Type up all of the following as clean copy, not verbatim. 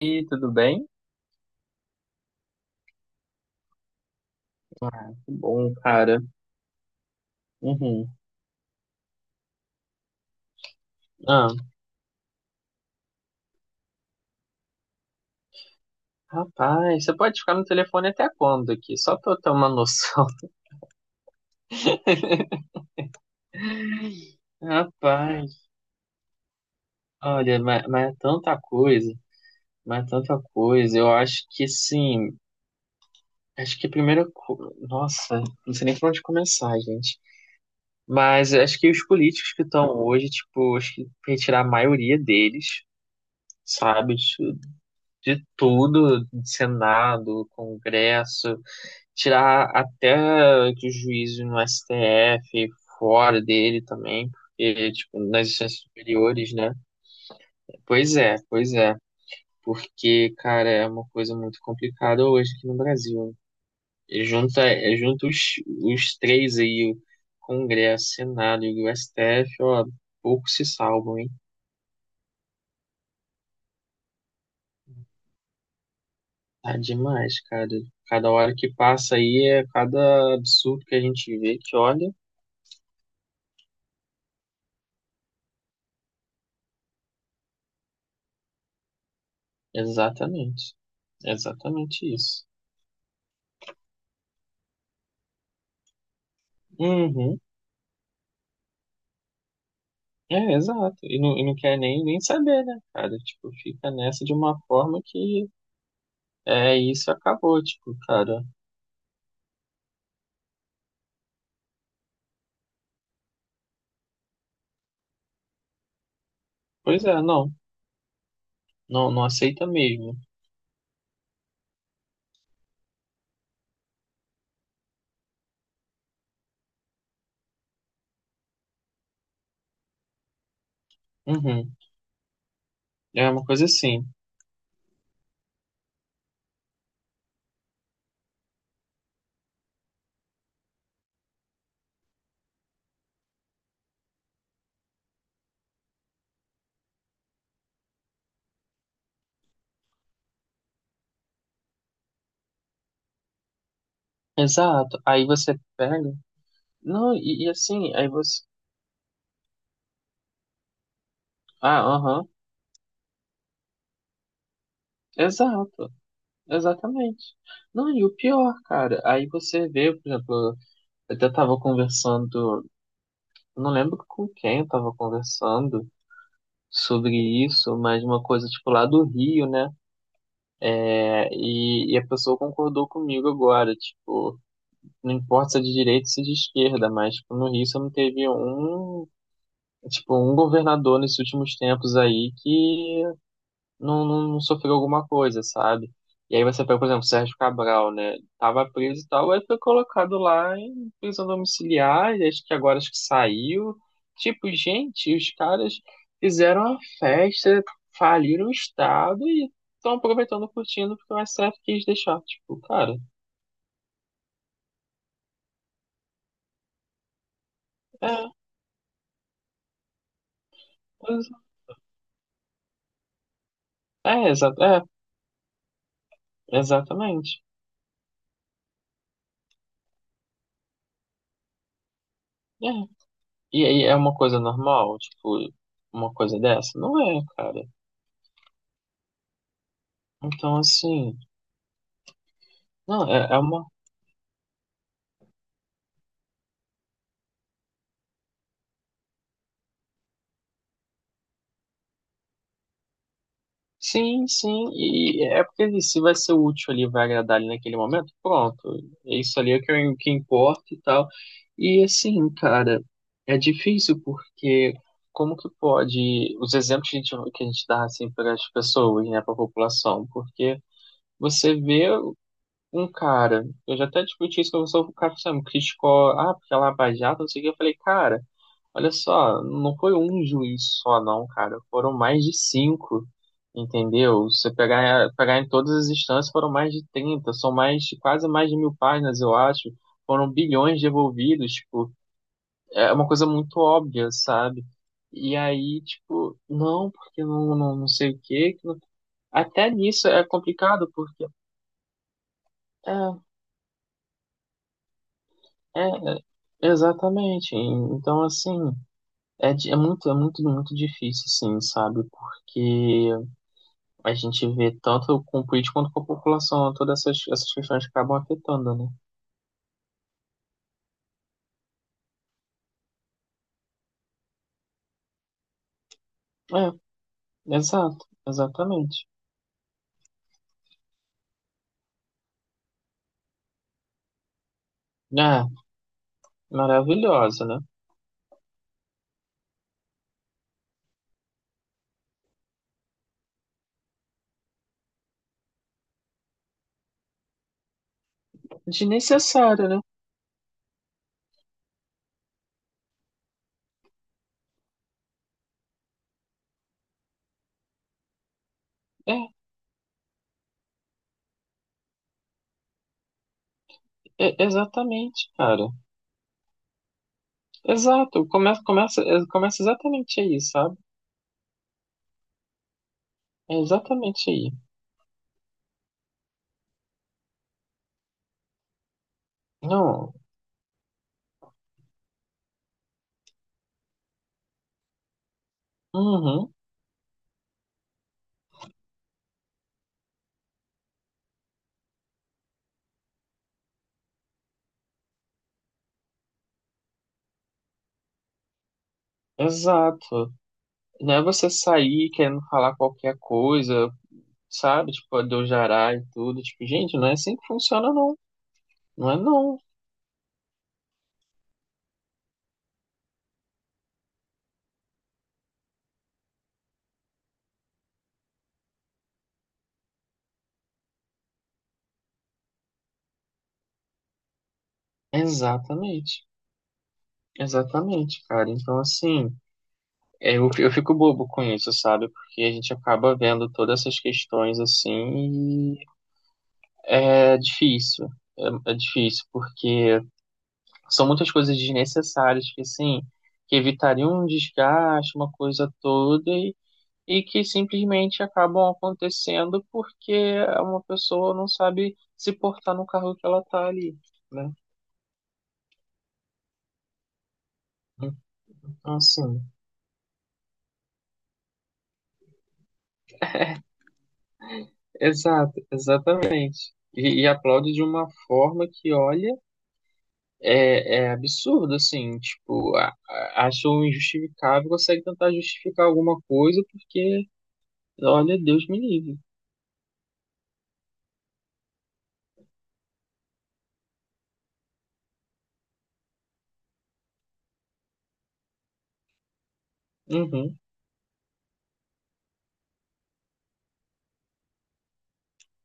E tudo bem? Ah, que bom, cara. Uhum. Ah, rapaz, você pode ficar no telefone até quando aqui? Só pra eu ter uma noção. Rapaz, olha, mas é tanta coisa, mas é tanta coisa. Eu acho que sim, acho que a primeira coisa. Nossa, não sei nem por onde começar, gente. Mas eu acho que os políticos que estão hoje, tipo, acho que retirar a maioria deles, sabe? De tudo, de Senado, Congresso. Tirar até que o juízo no STF fora dele também, porque, tipo, nas instâncias superiores, né? Pois é, pois é. Porque, cara, é uma coisa muito complicada hoje aqui no Brasil, né? E junta, é, junta os três aí, o Congresso, Senado e o STF, ó, pouco se salvam, hein? Tá demais, cara. Cada hora que passa aí é cada absurdo que a gente vê que olha. Exatamente. Exatamente isso. Uhum. É, exato. E não quer nem saber, né, cara? Tipo, fica nessa de uma forma que é isso acabou, tipo, cara. Pois é, não, não, não aceita mesmo. Uhum. É uma coisa assim. Exato. Aí você pega. Não, e assim, aí você. Ah, aham. Exato. Exatamente. Não, e o pior, cara, aí você vê, por exemplo, eu até tava conversando, não lembro com quem eu tava conversando sobre isso, mas uma coisa, tipo, lá do Rio, né? É, e a pessoa concordou comigo agora, tipo, não importa se é de direita ou se é de esquerda, mas tipo, no Rio você não teve um, tipo, um governador nesses últimos tempos aí que não, não, não sofreu alguma coisa, sabe? E aí você pega, por exemplo, Sérgio Cabral, né? Tava preso e tal, aí foi colocado lá em prisão domiciliar, e acho que agora acho que saiu. Tipo, gente, os caras fizeram a festa, faliram o Estado e estão aproveitando, curtindo, porque o STF quis deixar. Tipo, cara, é, é, é, exatamente. É. E aí é uma coisa normal, tipo, uma coisa dessa? Não é, cara. Então, assim, não, é uma. Sim, sim, e é porque se vai ser útil ali, vai agradar ali naquele momento, pronto, é isso ali é o que, importa e tal. E assim, cara, é difícil porque como que pode, os exemplos que a gente dá assim para as pessoas, né, para a população, porque você vê um cara, eu já até discuti isso com você, o cara sabe, criticou, ah, porque ela é baixada, não sei o que, eu falei, cara. Olha só, não foi um juiz só, não, cara. Foram mais de cinco, entendeu? Você pegar em todas as instâncias, foram mais de 30. São mais, quase mais de mil páginas, eu acho. Foram bilhões devolvidos, tipo, é uma coisa muito óbvia, sabe? E aí, tipo, não, porque não, não, não sei o quê. Que não- Até nisso é complicado, porque. É, é, é, exatamente. Então, assim. É, é muito, muito difícil, sim, sabe? Porque a gente vê tanto com o político quanto com a população, todas essas questões acabam afetando, né? É, exato, exatamente. É, maravilhosa, né? Desnecessária, né? É, é, exatamente, cara. Exato, começa exatamente aí, sabe? É exatamente aí. Não, uhum, exato. Não é você sair querendo falar qualquer coisa, sabe? Tipo, do jará e tudo. Tipo, gente, não é assim que funciona, não. Não é não. Exatamente. Exatamente, cara. Então, assim, é, eu fico bobo com isso, sabe? Porque a gente acaba vendo todas essas questões assim e é difícil. É difícil, porque são muitas coisas desnecessárias que, assim, que evitariam um desgaste, uma coisa toda, e, que simplesmente acabam acontecendo porque uma pessoa não sabe se portar no carro que ela tá ali, né? Então, assim. Exato, exatamente. E aplaude de uma forma que, olha, é absurdo, assim, tipo, acho injustificável, consegue tentar justificar alguma coisa, porque, olha, Deus me livre. Uhum,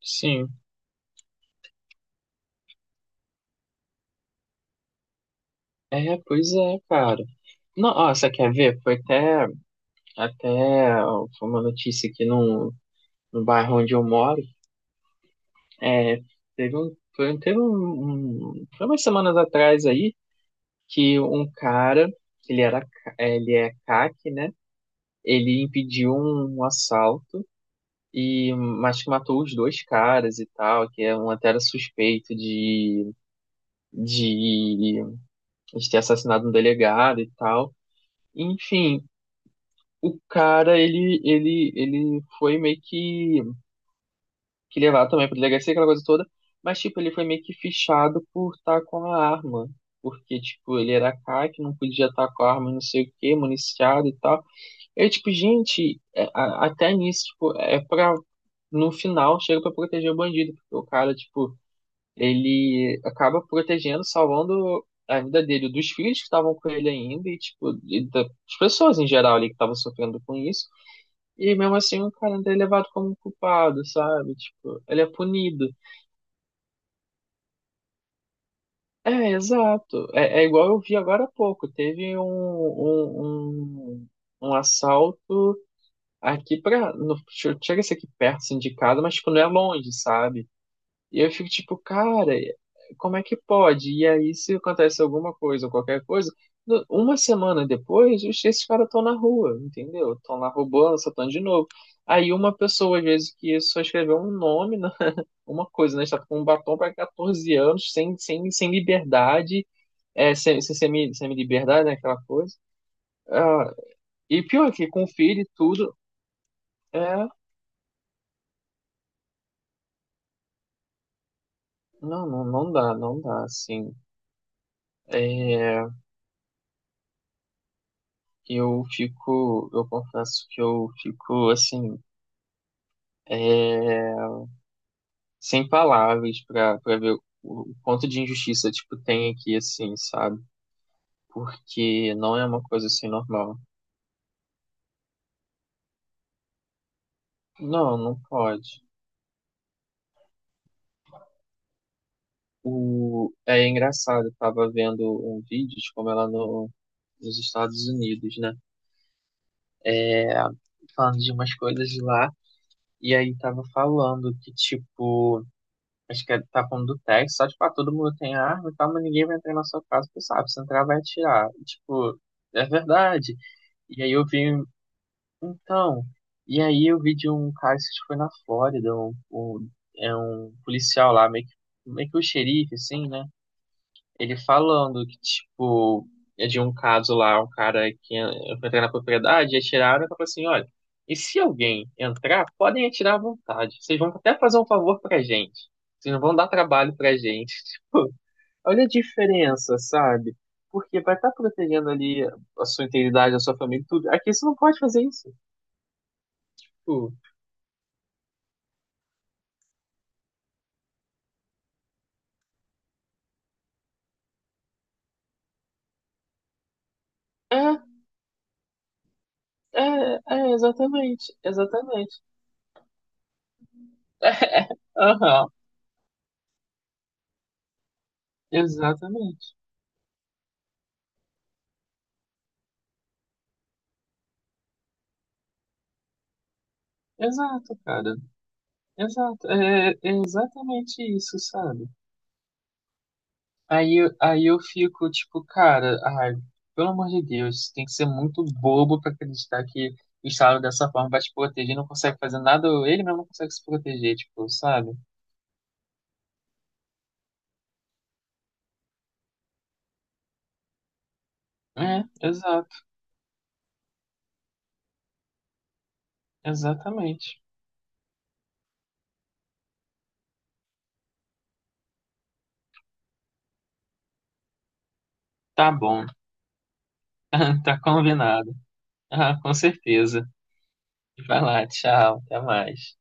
sim. É, pois é, cara. Não, ó, você quer ver? Foi até, até ó, foi uma notícia aqui no bairro onde eu moro. É, teve um, foi, teve um, um- foi umas semanas atrás aí, que um cara, ele é CAC, né? Ele impediu um assalto e mas que matou os dois caras e tal, que é um até era suspeito de, de ter assassinado um delegado e tal. Enfim, o cara ele foi meio que levado também para delegacia aquela coisa toda, mas tipo ele foi meio que fichado por estar com a arma. Porque, tipo, ele era CAC, não podia estar com a arma, não sei o quê, municiado e tal. Eu, tipo, gente, é, até nisso, tipo, é pra, no final, chega pra proteger o bandido, porque o cara, tipo, ele acaba protegendo, salvando a vida dele, dos filhos que estavam com ele ainda, e, tipo, e das pessoas em geral ali que estavam sofrendo com isso, e mesmo assim o cara ainda é levado como um culpado, sabe? Tipo, ele é punido. É, exato. É igual eu vi agora há pouco, teve um, um assalto. Aqui pra. No, Tipo, chega a ser aqui perto, assim, de casa, mas, tipo, não é longe, sabe? E eu fico tipo, cara, como é que pode? E aí, se acontece alguma coisa ou qualquer coisa, uma semana depois, esses caras estão na rua, entendeu? Estão lá roubando, assaltando de novo. Aí, uma pessoa, às vezes, que só escreveu um nome, uma coisa, né? Está com um batom para 14 anos, sem liberdade, é, sem, sem, semi, liberdade, né? Aquela coisa. Ah, e pior que com filho e tudo. É, não dá, não dá, assim. É, eu fico, assim, é, sem palavras pra ver o quanto de injustiça, tipo, tem aqui, assim, sabe? Porque não é uma coisa, assim, normal. Não, não pode. O, é engraçado, eu tava vendo um vídeo de como ela no, nos Estados Unidos, né? Falando de umas coisas de lá, e aí tava falando que, tipo, acho que tá falando do Tex, só tipo, ah, todo mundo tem arma e tal, mas ninguém vai entrar na sua casa, porque sabe, se entrar vai atirar. E, tipo, é verdade. E aí eu vi, então, e aí eu vi de um cara que acho que foi na Flórida, um, é um policial lá, meio que o xerife, assim, né? Ele falando que, tipo, é de um caso lá, um cara que foi entrar na propriedade, e atiraram e falou assim, olha, e se alguém entrar, podem atirar à vontade. Vocês vão até fazer um favor pra gente. Vocês não vão dar trabalho pra gente. Tipo, olha a diferença, sabe? Porque vai estar protegendo ali a sua integridade, a sua família, e tudo. Aqui você não pode fazer isso. Tipo, é, exatamente, exatamente. É, aham, exatamente. Exato, cara. Exato, é exatamente isso, sabe? Aí, aí eu fico tipo, cara, ai, pelo amor de Deus, tem que ser muito bobo pra acreditar que o Estado dessa forma vai te proteger, não consegue fazer nada, ou ele mesmo não consegue se proteger, tipo, sabe? É, exato, exatamente. Tá bom, tá combinado. Ah, com certeza. Vai lá, tchau, até mais.